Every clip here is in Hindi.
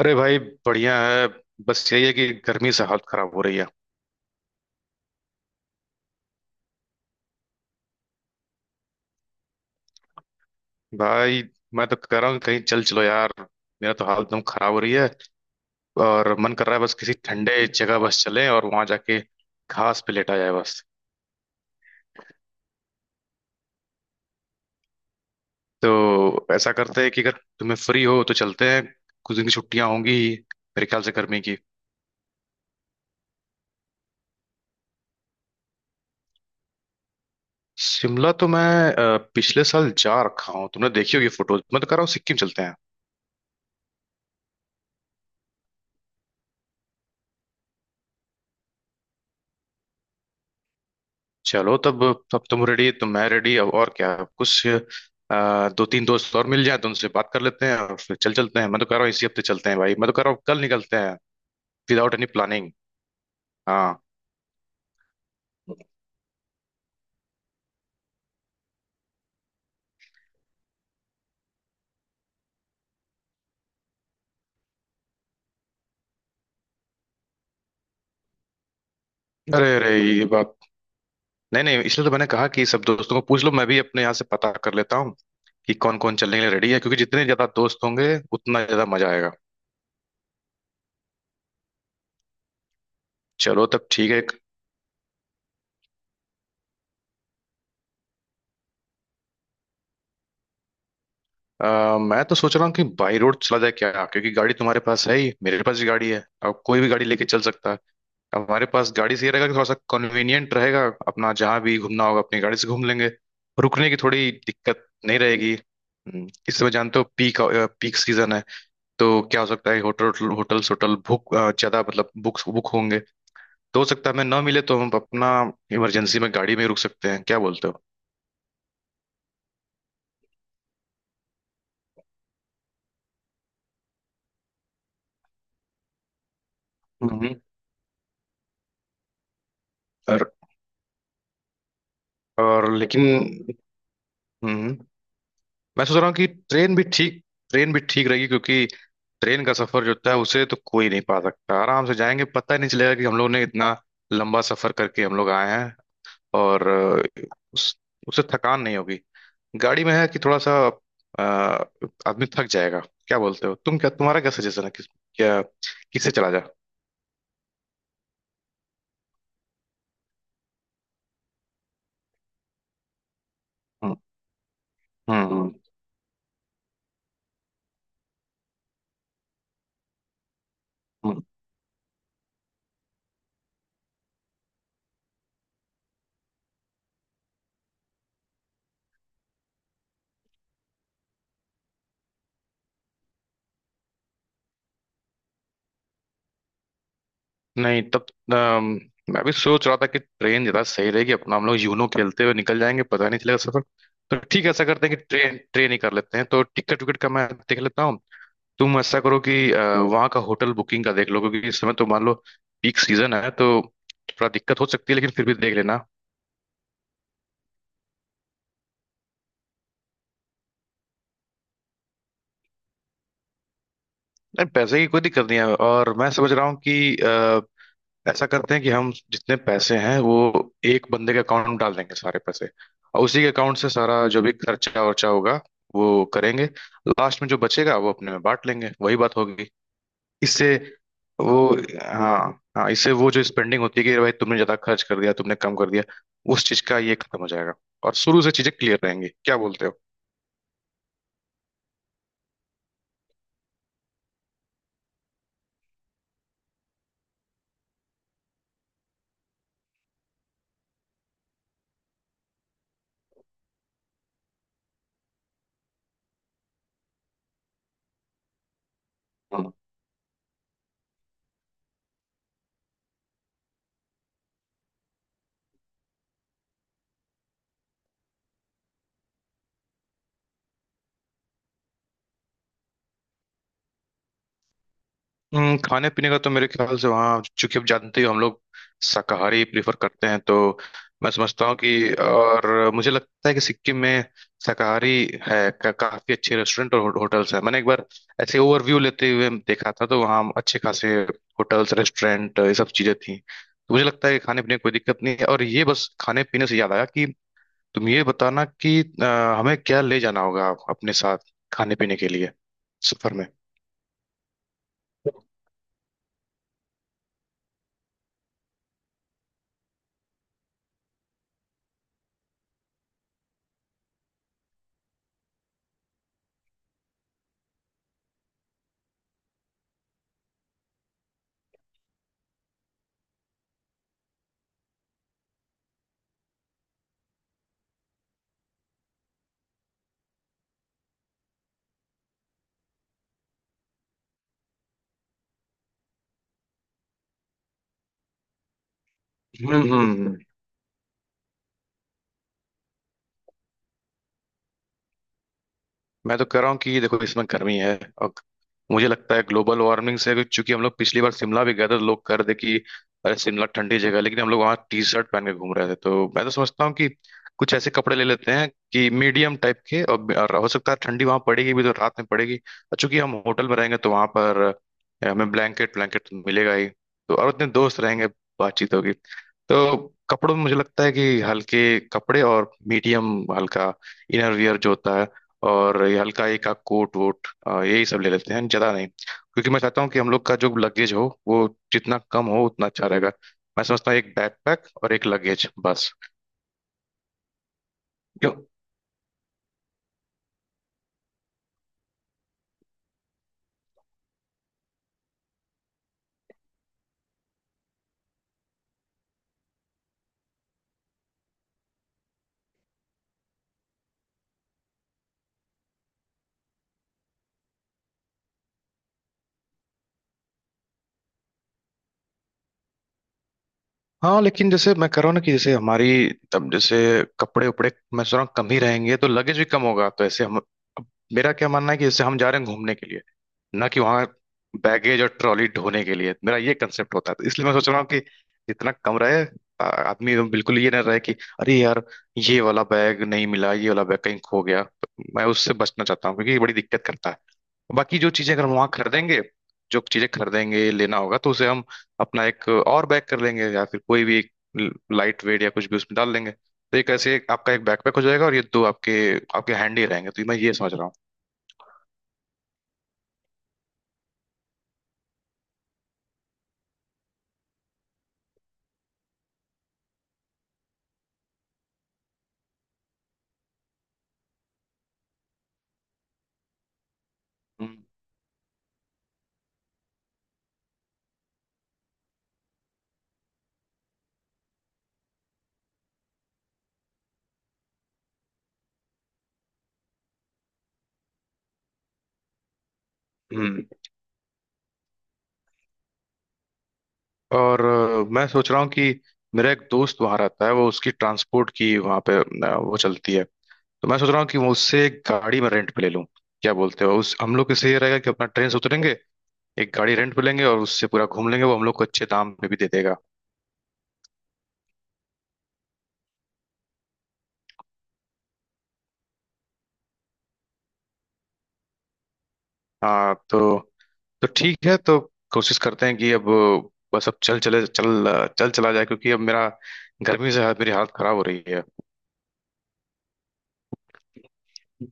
अरे भाई। बढ़िया है। बस यही है कि गर्मी से हालत खराब हो रही है। भाई मैं तो कह रहा हूँ कहीं चल चलो यार। मेरा तो हालत एकदम खराब हो रही है। और मन कर रहा है बस किसी ठंडे जगह बस चले और वहां जाके घास पे लेटा जाए बस। तो ऐसा करते हैं कि अगर तुम्हें फ्री हो तो चलते हैं। कुछ दिन की छुट्टियां होंगी ही, मेरे ख्याल से गर्मी की। शिमला तो मैं पिछले साल जा रखा हूँ, तुमने देखी होगी फोटोज। मैं तो कह रहा हूँ सिक्किम चलते हैं। चलो तब। तब तुम रेडी तो मैं रेडी। अब और क्या, अब कुछ दो तीन दोस्त और मिल जाए तो उनसे बात कर लेते हैं और फिर चल चलते हैं। मैं तो कह रहा हूँ इसी हफ्ते चलते हैं भाई। मैं तो कह रहा हूँ कल निकलते हैं, विदाउट एनी प्लानिंग। हाँ। अरे अरे ये बात। नहीं नहीं, इसलिए तो मैंने कहा कि सब दोस्तों को पूछ लो, मैं भी अपने यहाँ से पता कर लेता हूँ कि कौन कौन चलने के लिए रेडी है, क्योंकि जितने ज्यादा दोस्त होंगे उतना ज्यादा मजा आएगा। चलो तब ठीक है। मैं तो सोच रहा हूँ कि बाई रोड चला जाए क्या, क्योंकि गाड़ी तुम्हारे पास है ही, मेरे पास भी गाड़ी है, अब कोई भी गाड़ी लेके चल सकता है। हमारे पास गाड़ी से ये रहेगा कि थोड़ा सा कन्वीनियंट रहेगा अपना, जहाँ भी घूमना होगा अपनी गाड़ी से घूम लेंगे। रुकने की थोड़ी दिक्कत नहीं रहेगी। इस समय जानते हो पीक पीक सीजन है। तो क्या हो सकता है होटल बुक ज्यादा, मतलब बुक बुक होंगे। तो हो सकता है हमें ना मिले तो हम अपना इमरजेंसी में गाड़ी में ही रुक सकते हैं, क्या बोलते हो। हम्म। और, और लेकिन हम्म, मैं सोच रहा हूँ कि ट्रेन भी ठीक रहेगी, क्योंकि ट्रेन का सफर जो होता है उसे तो कोई नहीं पा सकता। आराम से जाएंगे, पता ही नहीं चलेगा कि हम लोग ने इतना लंबा सफर करके हम लोग आए हैं। और अ, उस उससे थकान नहीं होगी। गाड़ी में है कि थोड़ा सा अ, आदमी थक जाएगा। क्या बोलते हो तुम, क्या तुम्हारा क्या सजेशन है, क्या किससे चला जाए। हम्म हम्म हम्म। नहीं तब अम, मैं भी सोच रहा था कि ट्रेन ज्यादा सही रहेगी, अपना हम लोग यूनो खेलते हुए निकल जाएंगे, पता नहीं चलेगा सफर। तो ठीक है ऐसा करते हैं कि ट्रेन ट्रेन ही कर लेते हैं, तो टिकट विकट का मैं देख लेता हूँ। तुम ऐसा करो कि वहाँ का होटल बुकिंग का देख लो, क्योंकि इस समय तो मान लो पीक सीजन है, तो थोड़ा दिक्कत हो सकती है लेकिन फिर भी देख लेना। नहीं पैसे की कोई दिक्कत नहीं है, और मैं समझ रहा हूँ कि ऐसा करते हैं कि हम जितने पैसे हैं वो एक बंदे के अकाउंट में डाल देंगे सारे पैसे, और उसी के अकाउंट से सारा जो भी खर्चा वर्चा होगा वो करेंगे। लास्ट में जो बचेगा वो अपने में बांट लेंगे, वही बात होगी। इससे वो हाँ, हाँ इससे वो जो स्पेंडिंग होती है कि भाई तुमने ज्यादा खर्च कर दिया, तुमने कम कर दिया, उस चीज का ये खत्म हो जाएगा और शुरू से चीजें क्लियर रहेंगी, क्या बोलते हो। खाने पीने का तो मेरे ख्याल से वहाँ, चूंकि आप जानते हो हम लोग शाकाहारी प्रेफर करते हैं, तो मैं समझता हूँ कि और मुझे लगता है कि सिक्किम में शाकाहारी काफी अच्छे रेस्टोरेंट और होटल्स हैं। मैंने एक बार ऐसे ओवरव्यू लेते हुए देखा था तो वहाँ अच्छे खासे होटल्स रेस्टोरेंट ये सब चीजें थी, तो मुझे लगता है कि खाने पीने की कोई दिक्कत नहीं है। और ये बस खाने पीने से याद आया कि तुम ये बताना कि हमें क्या ले जाना होगा अपने साथ खाने पीने के लिए सफर में। हम्म। मैं तो कह रहा हूँ कि ये देखो इसमें गर्मी है, और मुझे लगता है ग्लोबल वार्मिंग से, क्योंकि हम लोग पिछली बार शिमला भी गए थे तो लोग कह रहे थे कि अरे शिमला ठंडी जगह है, लेकिन हम लोग वहाँ टी शर्ट पहन के घूम रहे थे, तो मैं तो समझता हूँ कि कुछ ऐसे कपड़े ले लेते हैं कि मीडियम टाइप के, और हो सकता है ठंडी वहाँ पड़ेगी भी तो रात में पड़ेगी, और चूंकि हम होटल में रहेंगे तो वहाँ पर हमें ब्लैंकेट ब्लैंकेट तो मिलेगा ही, तो और उतने दोस्त रहेंगे बातचीत होगी। तो कपड़ों में मुझे लगता है कि हल्के कपड़े और मीडियम हल्का इनर वियर जो होता है, और ये हल्का एक का कोट वोट यही सब ले लेते हैं ज्यादा नहीं, क्योंकि मैं चाहता हूँ कि हम लोग का जो लगेज हो वो जितना कम हो उतना अच्छा रहेगा। मैं समझता हूँ एक बैकपैक और एक लगेज बस। क्यों। हाँ लेकिन जैसे मैं कह रहा हूँ ना कि जैसे हमारी तब जैसे कपड़े उपड़े मैं सोच रहा हूँ कम ही रहेंगे तो लगेज भी कम होगा, तो ऐसे हम अब मेरा क्या मानना है कि जैसे हम जा रहे हैं घूमने के लिए, ना कि वहाँ बैगेज और ट्रॉली ढोने के लिए। मेरा ये कंसेप्ट होता है, तो इसलिए मैं सोच रहा हूँ कि जितना कम रहे। आदमी एकदम बिल्कुल ये ना रहे कि अरे यार ये वाला बैग नहीं मिला, ये वाला बैग कहीं खो गया। तो मैं उससे बचना चाहता हूँ क्योंकि ये बड़ी दिक्कत करता है। बाकी जो चीजें अगर हम वहां खरीदेंगे जो चीजें खरीदेंगे लेना होगा तो उसे हम अपना एक और बैग कर लेंगे, या फिर कोई भी एक लाइट वेट या कुछ भी उसमें डाल लेंगे, तो एक ऐसे एक आपका एक बैकपैक हो जाएगा और ये दो आपके आपके हैंडी रहेंगे, तो मैं ये समझ रहा हूँ। हम्म हम्म। और मैं सोच रहा हूँ कि मेरा एक दोस्त वहां रहता है, वो उसकी ट्रांसपोर्ट की वहां पे वो चलती है, तो मैं सोच रहा हूँ कि वो उससे एक गाड़ी मैं रेंट पे ले लूँ। क्या बोलते हो, उस हम लोग के से ये रहेगा कि अपना ट्रेन से उतरेंगे, एक गाड़ी रेंट पे लेंगे और उससे पूरा घूम लेंगे, वो हम लोग को अच्छे दाम पे भी दे देगा। हाँ तो ठीक है तो कोशिश करते हैं कि अब बस अब चल चले चल चल चला जाए, क्योंकि अब मेरा गर्मी से मेरी हालत खराब हो रही है।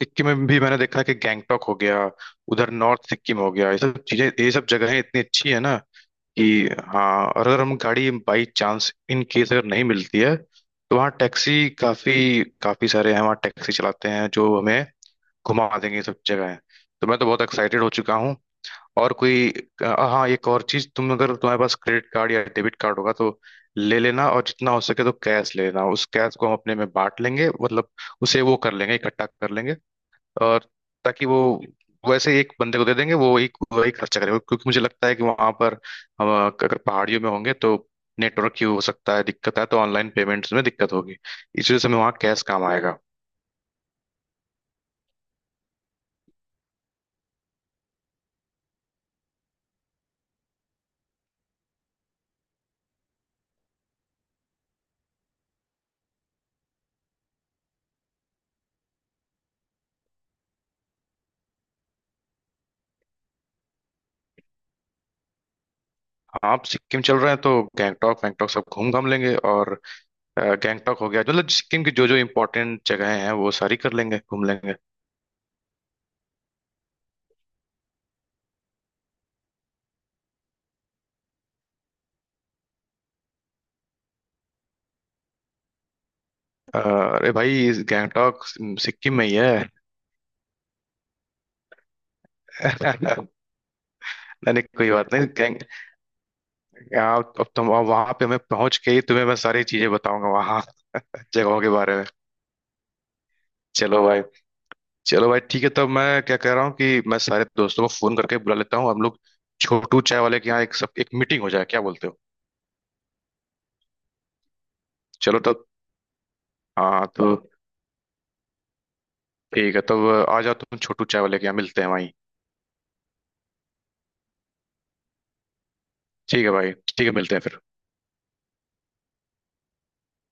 सिक्किम में भी मैंने देखा है कि गैंगटॉक हो गया, उधर नॉर्थ सिक्किम हो गया, ये सब चीजें ये सब जगहें इतनी अच्छी है ना कि। हाँ और अगर हम गाड़ी बाई चांस इन केस अगर नहीं मिलती है तो वहाँ टैक्सी काफी काफी सारे हैं, वहाँ टैक्सी चलाते हैं जो हमें घुमा देंगे ये सब जगहें। तो मैं तो बहुत एक्साइटेड हो चुका हूँ। और कोई अ, हाँ एक और चीज, तुम अगर तुम्हारे पास क्रेडिट कार्ड या डेबिट कार्ड होगा तो ले लेना, और जितना हो सके तो कैश ले लेना। उस कैश को हम अपने में बांट लेंगे, मतलब उसे वो कर लेंगे इकट्ठा कर लेंगे, और ताकि वो वैसे ही एक बंदे को दे देंगे, वो एक वही खर्चा करेगा, क्योंकि मुझे लगता है कि वहां पर हम अगर पहाड़ियों में होंगे तो नेटवर्क की हो सकता है दिक्कत है, तो ऑनलाइन पेमेंट्स में दिक्कत होगी, इस वजह से हमें वहाँ कैश काम आएगा। आप सिक्किम चल रहे हैं तो गैंगटॉक वैंगटॉक सब घूम घाम लेंगे, और गैंगटॉक हो गया मतलब सिक्किम की जो जो इम्पोर्टेंट जगहें हैं वो सारी कर लेंगे घूम लेंगे। अरे भाई इस गैंगटॉक सिक्किम में ही है। नहीं नहीं, कोई बात नहीं गैंग या अब तुम अब वहां पे मैं पहुंच के ही तुम्हें मैं सारी चीजें बताऊंगा वहां जगहों के बारे में। चलो भाई। चलो भाई ठीक है तब, मैं क्या कह रहा हूँ कि मैं सारे दोस्तों को फोन करके बुला लेता हूँ, हम लोग छोटू चाय वाले के यहाँ एक सब एक मीटिंग हो जाए, क्या बोलते हो। चलो तब। हाँ तो ठीक है तब आ जाओ तुम, छोटू चाय वाले के यहाँ मिलते हैं वहीं। ठीक है भाई, ठीक है मिलते हैं फिर।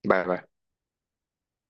Bye bye.